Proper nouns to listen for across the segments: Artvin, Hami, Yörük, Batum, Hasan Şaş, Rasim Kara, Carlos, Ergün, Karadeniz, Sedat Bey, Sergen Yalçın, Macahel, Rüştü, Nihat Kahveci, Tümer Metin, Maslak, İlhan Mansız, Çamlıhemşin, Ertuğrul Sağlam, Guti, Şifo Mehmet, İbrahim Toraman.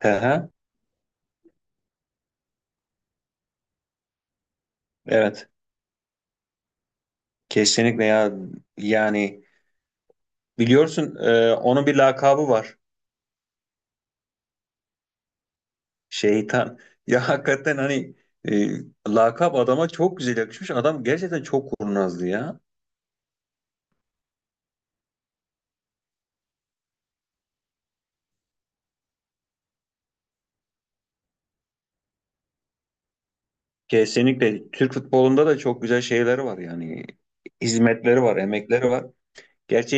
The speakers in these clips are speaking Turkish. Hı hı, evet. Kesinlikle ya. Yani biliyorsun onun bir lakabı var. Şeytan. Ya hakikaten hani e, lakap adama çok güzel yakışmış. Adam gerçekten çok kurnazdı ya. Kesinlikle Türk futbolunda da çok güzel şeyleri var yani. Hizmetleri var, emekleri var. Gerçi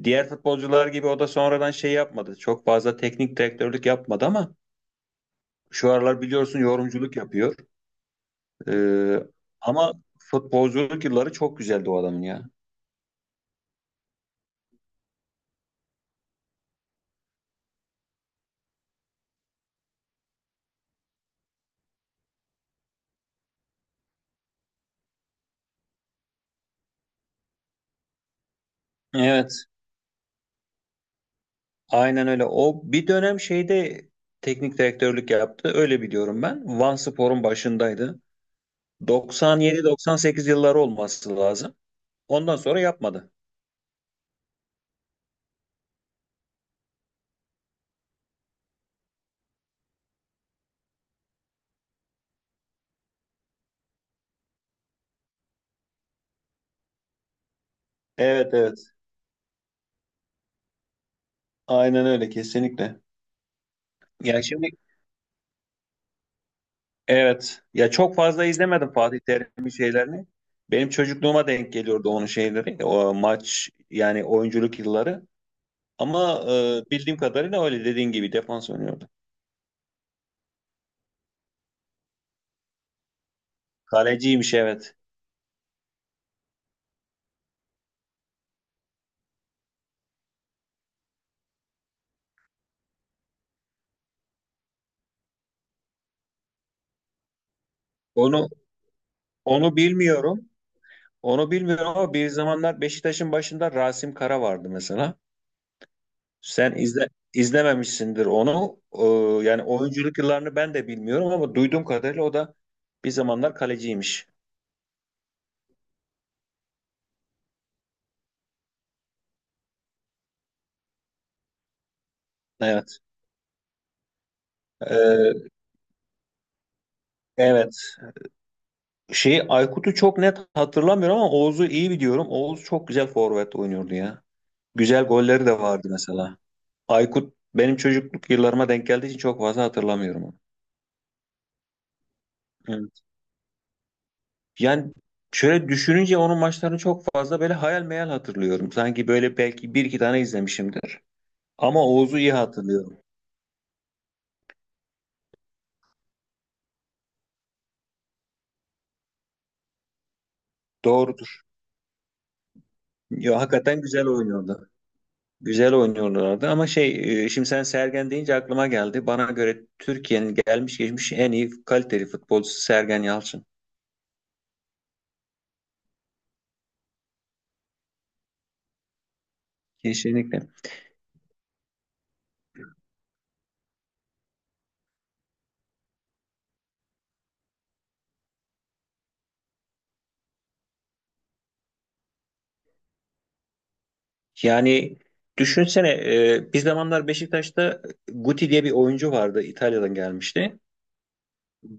diğer futbolcular gibi o da sonradan şey yapmadı. Çok fazla teknik direktörlük yapmadı ama şu aralar biliyorsun yorumculuk yapıyor. Ee, ama futbolculuk yılları çok güzeldi o adamın ya. Evet, aynen öyle. O bir dönem şeyde teknik direktörlük yaptı. Öyle biliyorum ben. Vanspor'un başındaydı. 97-98 yılları olması lazım. Ondan sonra yapmadı. Evet evet. Aynen öyle kesinlikle. Ya şimdi evet. Ya çok fazla izlemedim Fatih Terim'in şeylerini. Benim çocukluğuma denk geliyordu onun şeyleri. O maç yani oyunculuk yılları. Ama bildiğim kadarıyla öyle dediğin gibi defans oynuyordu. Kaleciymiş evet. Onu onu bilmiyorum. Onu bilmiyorum ama bir zamanlar Beşiktaş'ın başında Rasim Kara vardı mesela. Sen izle, izlememişsindir onu. Yani oyunculuk yıllarını ben de bilmiyorum ama duyduğum kadarıyla o da bir zamanlar kaleciymiş. Evet. E, evet. Şey Aykut'u çok net hatırlamıyorum ama Oğuz'u iyi biliyorum. Oğuz çok güzel forvet oynuyordu ya. Güzel golleri de vardı mesela. Aykut benim çocukluk yıllarıma denk geldiği için çok fazla hatırlamıyorum onu. Evet. Yani şöyle düşününce onun maçlarını çok fazla böyle hayal meyal hatırlıyorum. Sanki böyle belki bir iki tane izlemişimdir. Ama Oğuz'u iyi hatırlıyorum. Doğrudur. Ya, hakikaten güzel oynuyordu. Güzel oynuyorlardı ama şey şimdi sen Sergen deyince aklıma geldi. Bana göre Türkiye'nin gelmiş geçmiş en iyi kaliteli futbolcusu Sergen Yalçın. Kesinlikle. Yani düşünsene bir zamanlar Beşiktaş'ta Guti diye bir oyuncu vardı İtalya'dan gelmişti.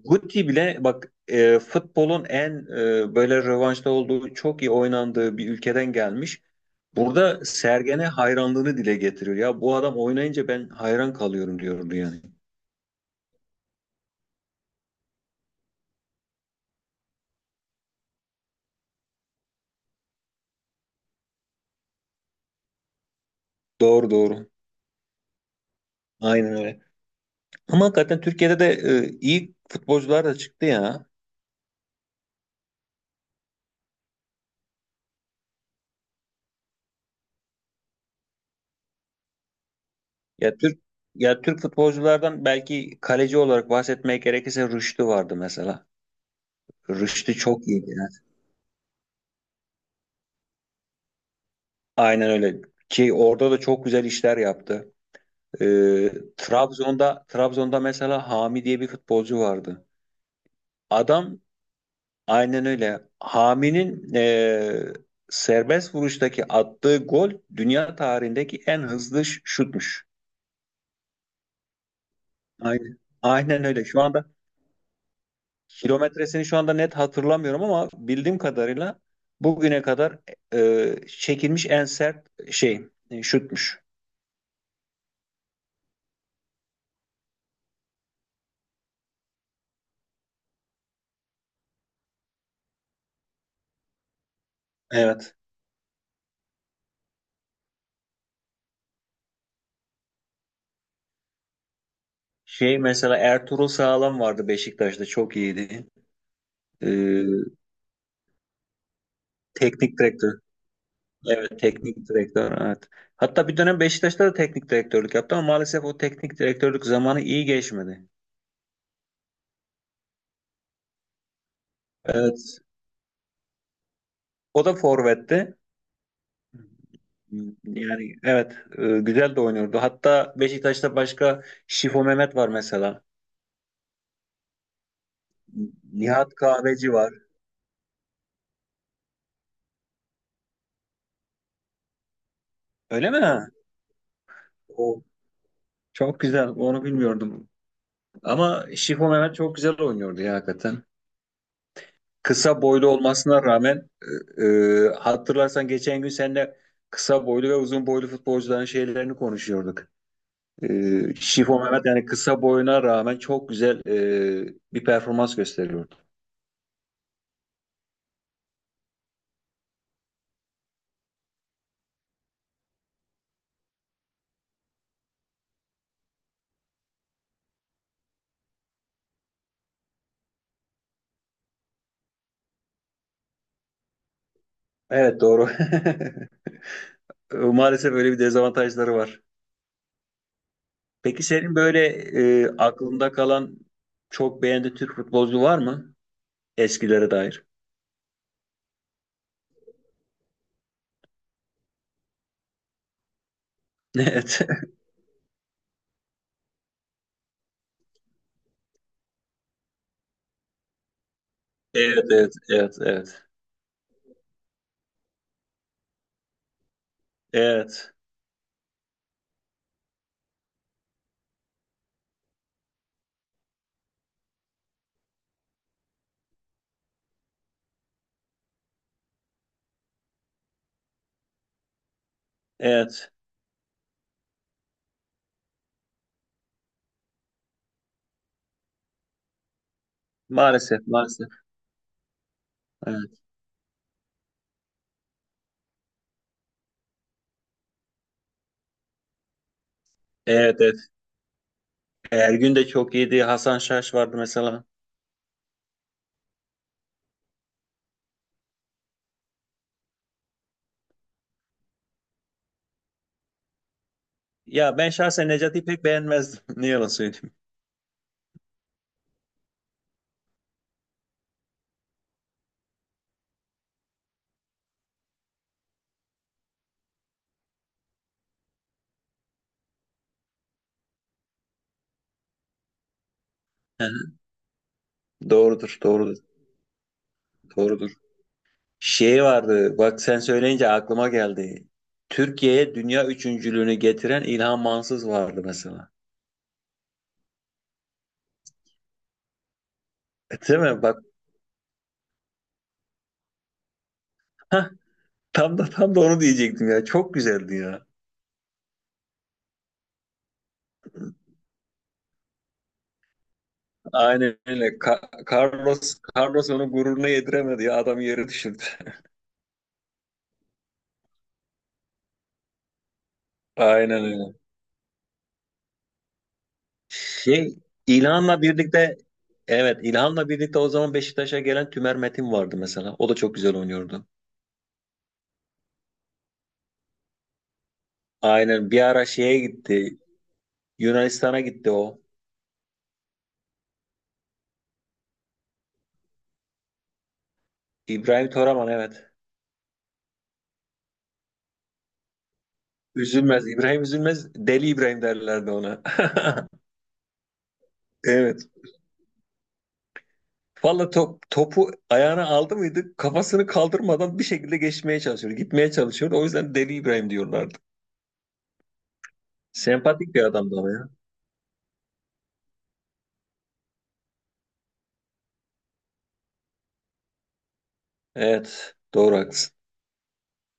Guti bile bak futbolun en böyle rövanşta olduğu çok iyi oynandığı bir ülkeden gelmiş. Burada Sergen'e hayranlığını dile getiriyor. Ya bu adam oynayınca ben hayran kalıyorum diyordu yani. Doğru doğru. Aynen öyle. Ama hakikaten Türkiye'de de iyi futbolcular da çıktı ya. Ya Türk ya Türk futbolculardan belki kaleci olarak bahsetmeye gerekirse Rüştü vardı mesela. Rüştü çok iyiydi. Yani. Aynen öyle. Ki orada da çok güzel işler yaptı. Trabzon'da mesela Hami diye bir futbolcu vardı. Adam aynen öyle. Hami'nin serbest vuruştaki attığı gol dünya tarihindeki en hızlı şutmuş. Aynen. Aynen öyle. Şu anda Kilometresini şu anda net hatırlamıyorum ama bildiğim kadarıyla bugüne kadar çekilmiş en sert şey şutmuş. Evet. Şey mesela Ertuğrul Sağlam vardı Beşiktaş'ta çok iyiydi. E, teknik direktör. Evet teknik direktör evet. Hatta bir dönem Beşiktaş'ta da teknik direktörlük yaptı ama maalesef o teknik direktörlük zamanı iyi geçmedi. Evet. O da forvetti. Yani evet güzel de oynuyordu. Hatta Beşiktaş'ta başka Şifo Mehmet var mesela. Nihat Kahveci var. Öyle mi? O Çok güzel. Onu bilmiyordum. Ama Şifo Mehmet çok güzel oynuyordu ya hakikaten. Kısa boylu olmasına rağmen e, hatırlarsan geçen gün seninle kısa boylu ve uzun boylu futbolcuların şeylerini konuşuyorduk. Şifo Mehmet yani kısa boyuna rağmen çok güzel bir performans gösteriyordu. Evet doğru. Maalesef öyle bir dezavantajları var. Peki senin böyle aklında kalan çok beğendiğin Türk futbolcu var mı? Eskilere dair. Evet. Evet, evet, evet, evet. Evet, evet. Maalesef, maalesef. Evet, evet. evet. Ergün de çok iyiydi. Hasan Şaş vardı mesela. Ya ben şahsen Necati'yi pek beğenmezdim. Ne yalan söyleyeyim. Doğrudur, doğrudur, doğrudur. Şey vardı, bak sen söyleyince aklıma geldi. Türkiye'ye dünya üçüncülüğünü getiren İlhan Mansız vardı mesela. E, Değil mi? Bak, hah, Tam da onu diyecektim ya. Çok güzeldi ya. Aynen öyle. Ka- Carlos onu gururuna yediremedi ya. Adam yere düşürdü. Aynen öyle. Şey İlhan'la birlikte evet İlhan'la birlikte o zaman Beşiktaş'a gelen Tümer Metin vardı mesela. O da çok güzel oynuyordu. Aynen bir ara şeye gitti. Yunanistan'a gitti o. İbrahim Toraman evet. Üzülmez. İbrahim üzülmez. Deli İbrahim derlerdi ona. Evet. Valla top, topu ayağına aldı mıydı kafasını kaldırmadan bir şekilde geçmeye çalışıyordu. Gitmeye çalışıyordu. O yüzden Deli İbrahim diyorlardı. Sempatik bir adamdı ama ya. Evet. Doğru haklısın.